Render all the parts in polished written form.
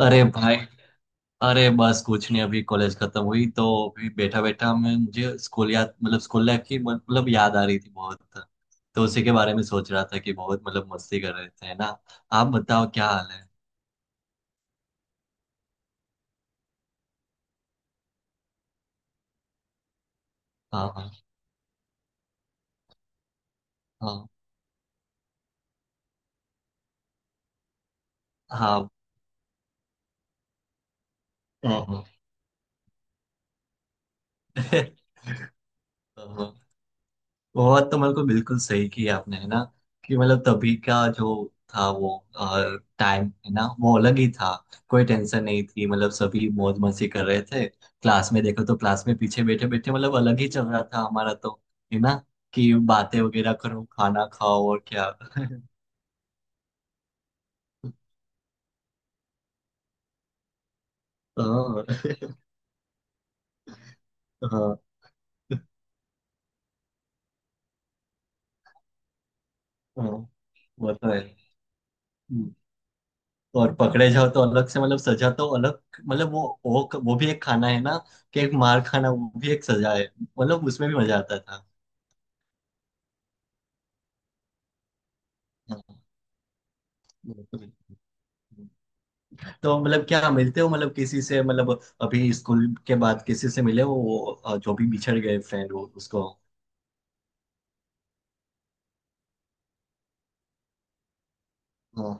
अरे भाई। अरे बस कुछ नहीं, अभी कॉलेज खत्म हुई तो अभी बैठा बैठा मैं मुझे स्कूल याद, मतलब स्कूल लाइफ की मतलब याद आ रही थी बहुत। तो उसी के बारे में सोच रहा था कि बहुत मतलब मस्ती कर रहे थे, है ना। आप बताओ क्या हाल है। हाँ हाँ। हाँ हाँ। हाँ, हाँ। हाँ, हाँ। बहुत तो मतलब बिल्कुल सही किया आपने, है ना। कि मतलब तभी का जो था वो टाइम, है ना, वो अलग ही था। कोई टेंशन नहीं थी, मतलब सभी मौज मस्ती कर रहे थे, क्लास में देखो तो क्लास में पीछे बैठे बैठे मतलब अलग ही चल रहा था हमारा तो। है ना। कि बातें वगैरह करो, खाना खाओ और क्या। हाँ। हाँ हाँ, वो तो है। हम्म। और पकड़े जाओ तो अलग से मतलब सजा तो अलग। मतलब वो भी एक खाना है ना, कि एक मार खाना वो भी एक सजा है। मतलब उसमें भी मजा आता था। हाँ, वो तो बिल्कुल। तो मतलब क्या, मिलते हो मतलब किसी से, मतलब अभी स्कूल के बाद किसी से मिले हो वो जो भी बिछड़ गए फ्रेंड हो उसको। हाँ,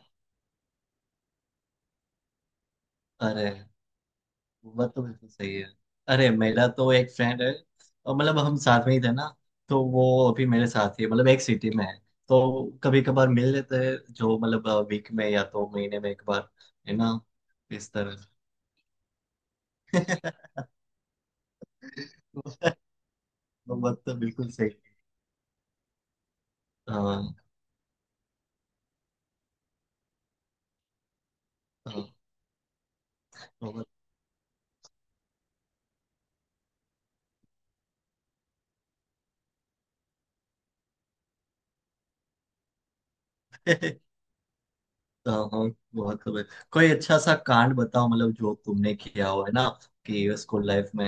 अरे वो तो बिल्कुल सही है। अरे मेरा तो एक फ्रेंड है और मतलब हम साथ में ही थे ना, तो वो अभी मेरे साथ ही है, मतलब एक सिटी में है। तो कभी कभार मिल लेते हैं, जो मतलब वीक में या तो महीने में एक बार, है ना, इस तरह से। वो बात तो बिल्कुल सही। हाँ हाँ। वो बात- हाँ हाँ, बहुत खबर। कोई अच्छा सा कांड बताओ, मतलब जो तुमने किया हो, है ना। कि स्कूल लाइफ में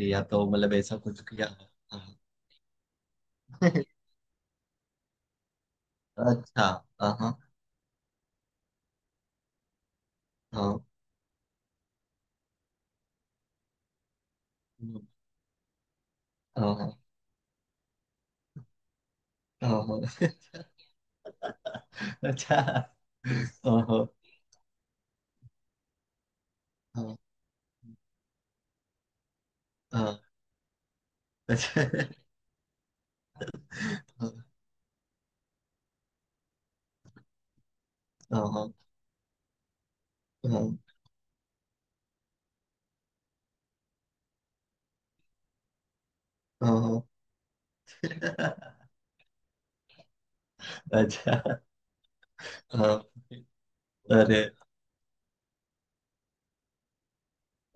या तो मतलब ऐसा कुछ किया हो। हाँ। अच्छा। हाँ हाँ। हाँ हाँ। हाँ हाँ। अच्छा हाँ हाँ। हाँ हाँ, अच्छा। हाँ हाँ हाँ हाँ, हाँ, अच्छा। हाँ। अरे।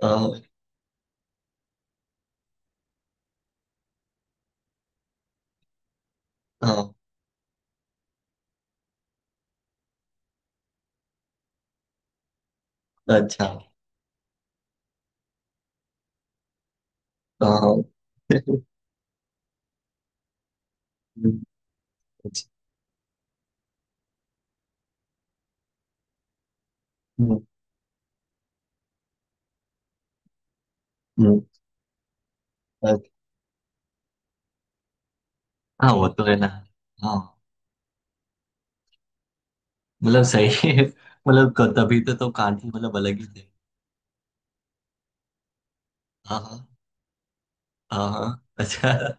हाँ हाँ। अच्छा। हाँ। हम्म, अच्छा। हम्म। हम्म, अच्छा। हाँ, वो तो है ना। हाँ। मतलब सही है। मतलब क- तभी तो कांति मतलब अलग ही थे। हाँ हाँ। हाँ हाँ, अच्छा।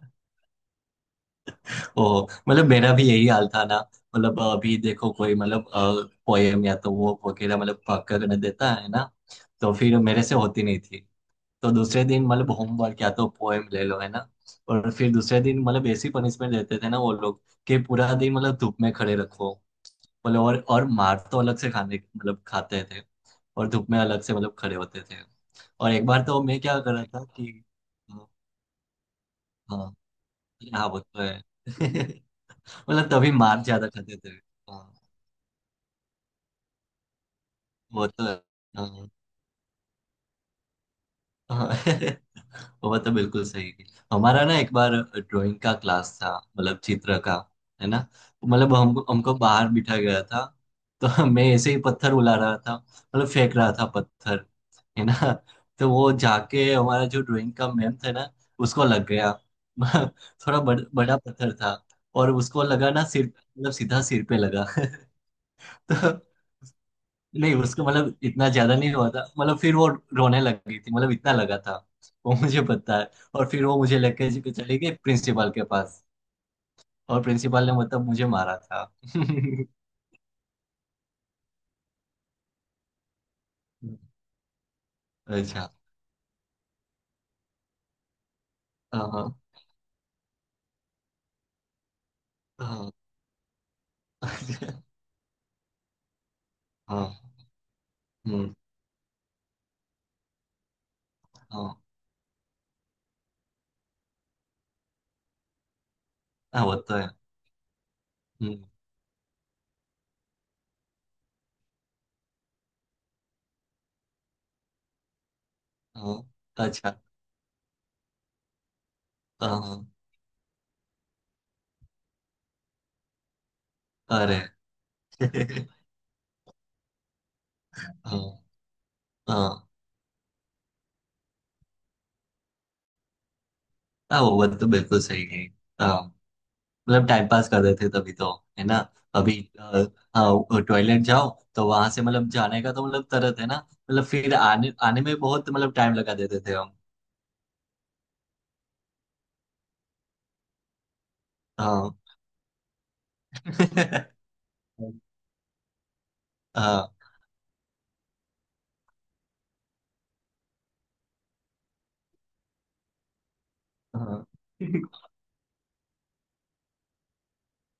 ओ मतलब मेरा भी यही हाल था ना। मतलब अभी देखो कोई मतलब पोएम या तो वो वगैरह मतलब पक करने देता है ना, तो फिर मेरे से होती नहीं थी। तो दूसरे दिन मतलब होमवर्क या तो पोएम ले लो, है ना। और फिर दूसरे दिन मतलब ऐसी पनिशमेंट देते थे ना वो लोग, कि पूरा दिन मतलब धूप में खड़े रखो। मतलब और मार तो अलग से खाने मतलब खाते थे, और धूप में अलग से मतलब खड़े होते थे। और एक बार तो मैं क्या कर रहा था कि हाँ। हाँ। हाँ, वो तो है। मतलब तभी मार ज्यादा खाते थे, हाँ। वो तो है। हाँ, हाँ। वो तो बिल्कुल सही है। हमारा ना एक बार ड्राइंग का क्लास था, मतलब चित्र का, है ना। मतलब हमको हमको बाहर बिठा गया था। तो मैं ऐसे ही पत्थर उला रहा था, मतलब फेंक रहा था पत्थर, है ना। तो वो जाके हमारा जो ड्राइंग का मैम था ना उसको लग गया। थोड़ा बड़ा पत्थर था, और उसको लगा ना सिर, मतलब सीधा सिर पे लगा। तो नहीं उसको मतलब इतना ज्यादा नहीं हुआ था, मतलब फिर वो रोने लग गई थी, मतलब इतना लगा था वो मुझे पता है। और फिर वो मुझे लेके जी- चली गई प्रिंसिपल के पास, और प्रिंसिपल ने मतलब मुझे मारा था। अच्छा। हाँ हाँ। हाँ। हाँ, हम्म, हाँ हाँ वो तो है। हम्म, हाँ। अच्छा। हाँ हाँ। अरे। हाँ हाँ। हाँ, वो बात तो बिल्कुल सही है। हाँ, मतलब टाइम पास कर रहे थे तभी तो। है ना। अभी अ, हाँ टॉयलेट जाओ तो वहां से मतलब जाने का तो मतलब तरत है ना। मतलब फिर आने आने में बहुत मतलब टाइम लगा देते थे हम। हाँ। हाँ हाँ। हाँ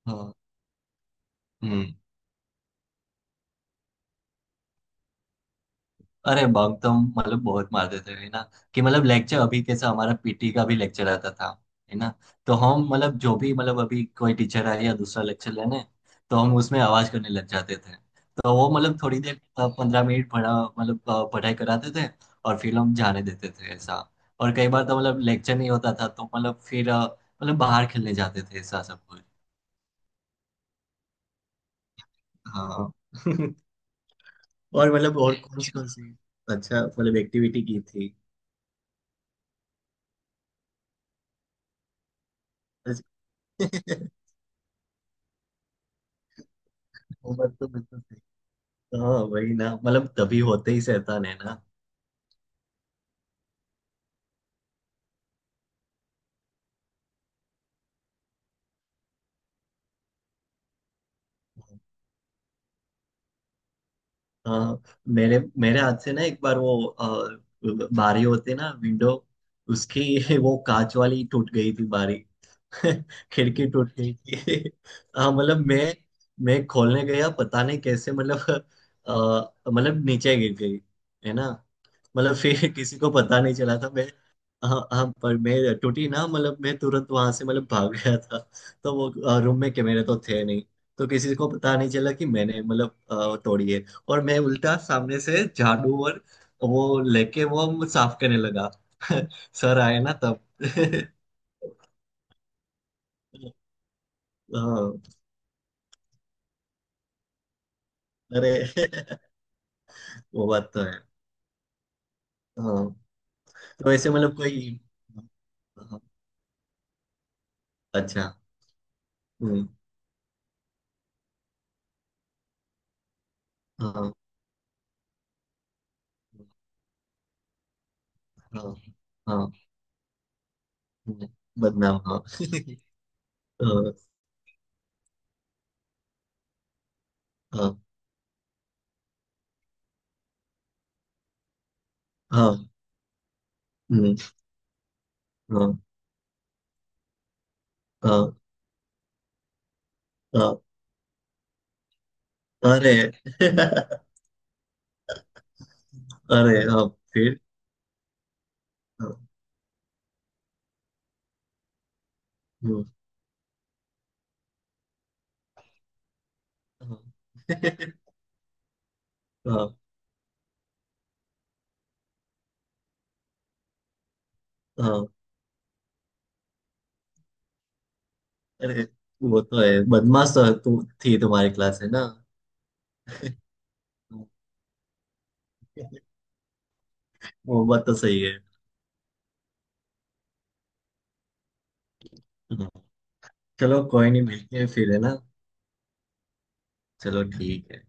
हाँ, हम्म। अरे बग तो मतलब बहुत मारते थे, है ना। कि मतलब लेक्चर अभी कैसा हमारा पीटी का भी लेक्चर आता था, है ना। तो हम मतलब जो भी मतलब अभी कोई टीचर आए या दूसरा लेक्चर लेने, तो हम उसमें आवाज करने लग जाते थे। तो वो मतलब थोड़ी देर 15 मिनट पढ़ा मतलब पढ़ाई कराते थे, और फिर हम जाने देते थे ऐसा। और कई बार तो मतलब लेक्चर नहीं होता था तो मतलब फिर मतलब बाहर खेलने जाते थे ऐसा सब कुछ। हाँ। और मतलब और कौन सी अच्छा मतलब एक्टिविटी की थी। वो बात तो बिल्कुल सही। हाँ वही ना मतलब तभी होते ही शैतान, है ना। हाँ। मेरे मेरे हाथ से ना एक बार वो बारी होती ना विंडो उसकी वो कांच वाली टूट गई थी बारी। खिड़की टूट गई थी। हाँ मतलब मैं खोलने गया पता नहीं कैसे मतलब मतलब नीचे गिर गई, है ना। मतलब फिर किसी को पता नहीं चला था मैं। हाँ हाँ पर मैं टूटी ना मतलब मैं तुरंत वहां से मतलब भाग गया था। तो वो रूम में कैमरे तो थे नहीं, तो किसी को पता नहीं चला कि मैंने मतलब तोड़ी है। और मैं उल्टा सामने से झाड़ू और वो लेके वो साफ करने लगा। सर आए ना तब। हाँ। अरे। वो बात तो है। हाँ। तो ऐसे मतलब कोई, हाँ, अच्छा। हम्म, हाँ हाँ हाँ। हम्म, बदनाम हाँ। हाँ हाँ हाँ। हम्म, हाँ हाँ हाँ। अरे। अरे हाँ। फिर हाँ। हम्म, हाँ। हाँ हाँ, अरे वो तो है, बदमाश तो तू थी तुम्हारी क्लास है ना। वो बात तो सही है। हाँ, चलो कोई नहीं मिलते हैं फिर है ना। चलो ठीक है।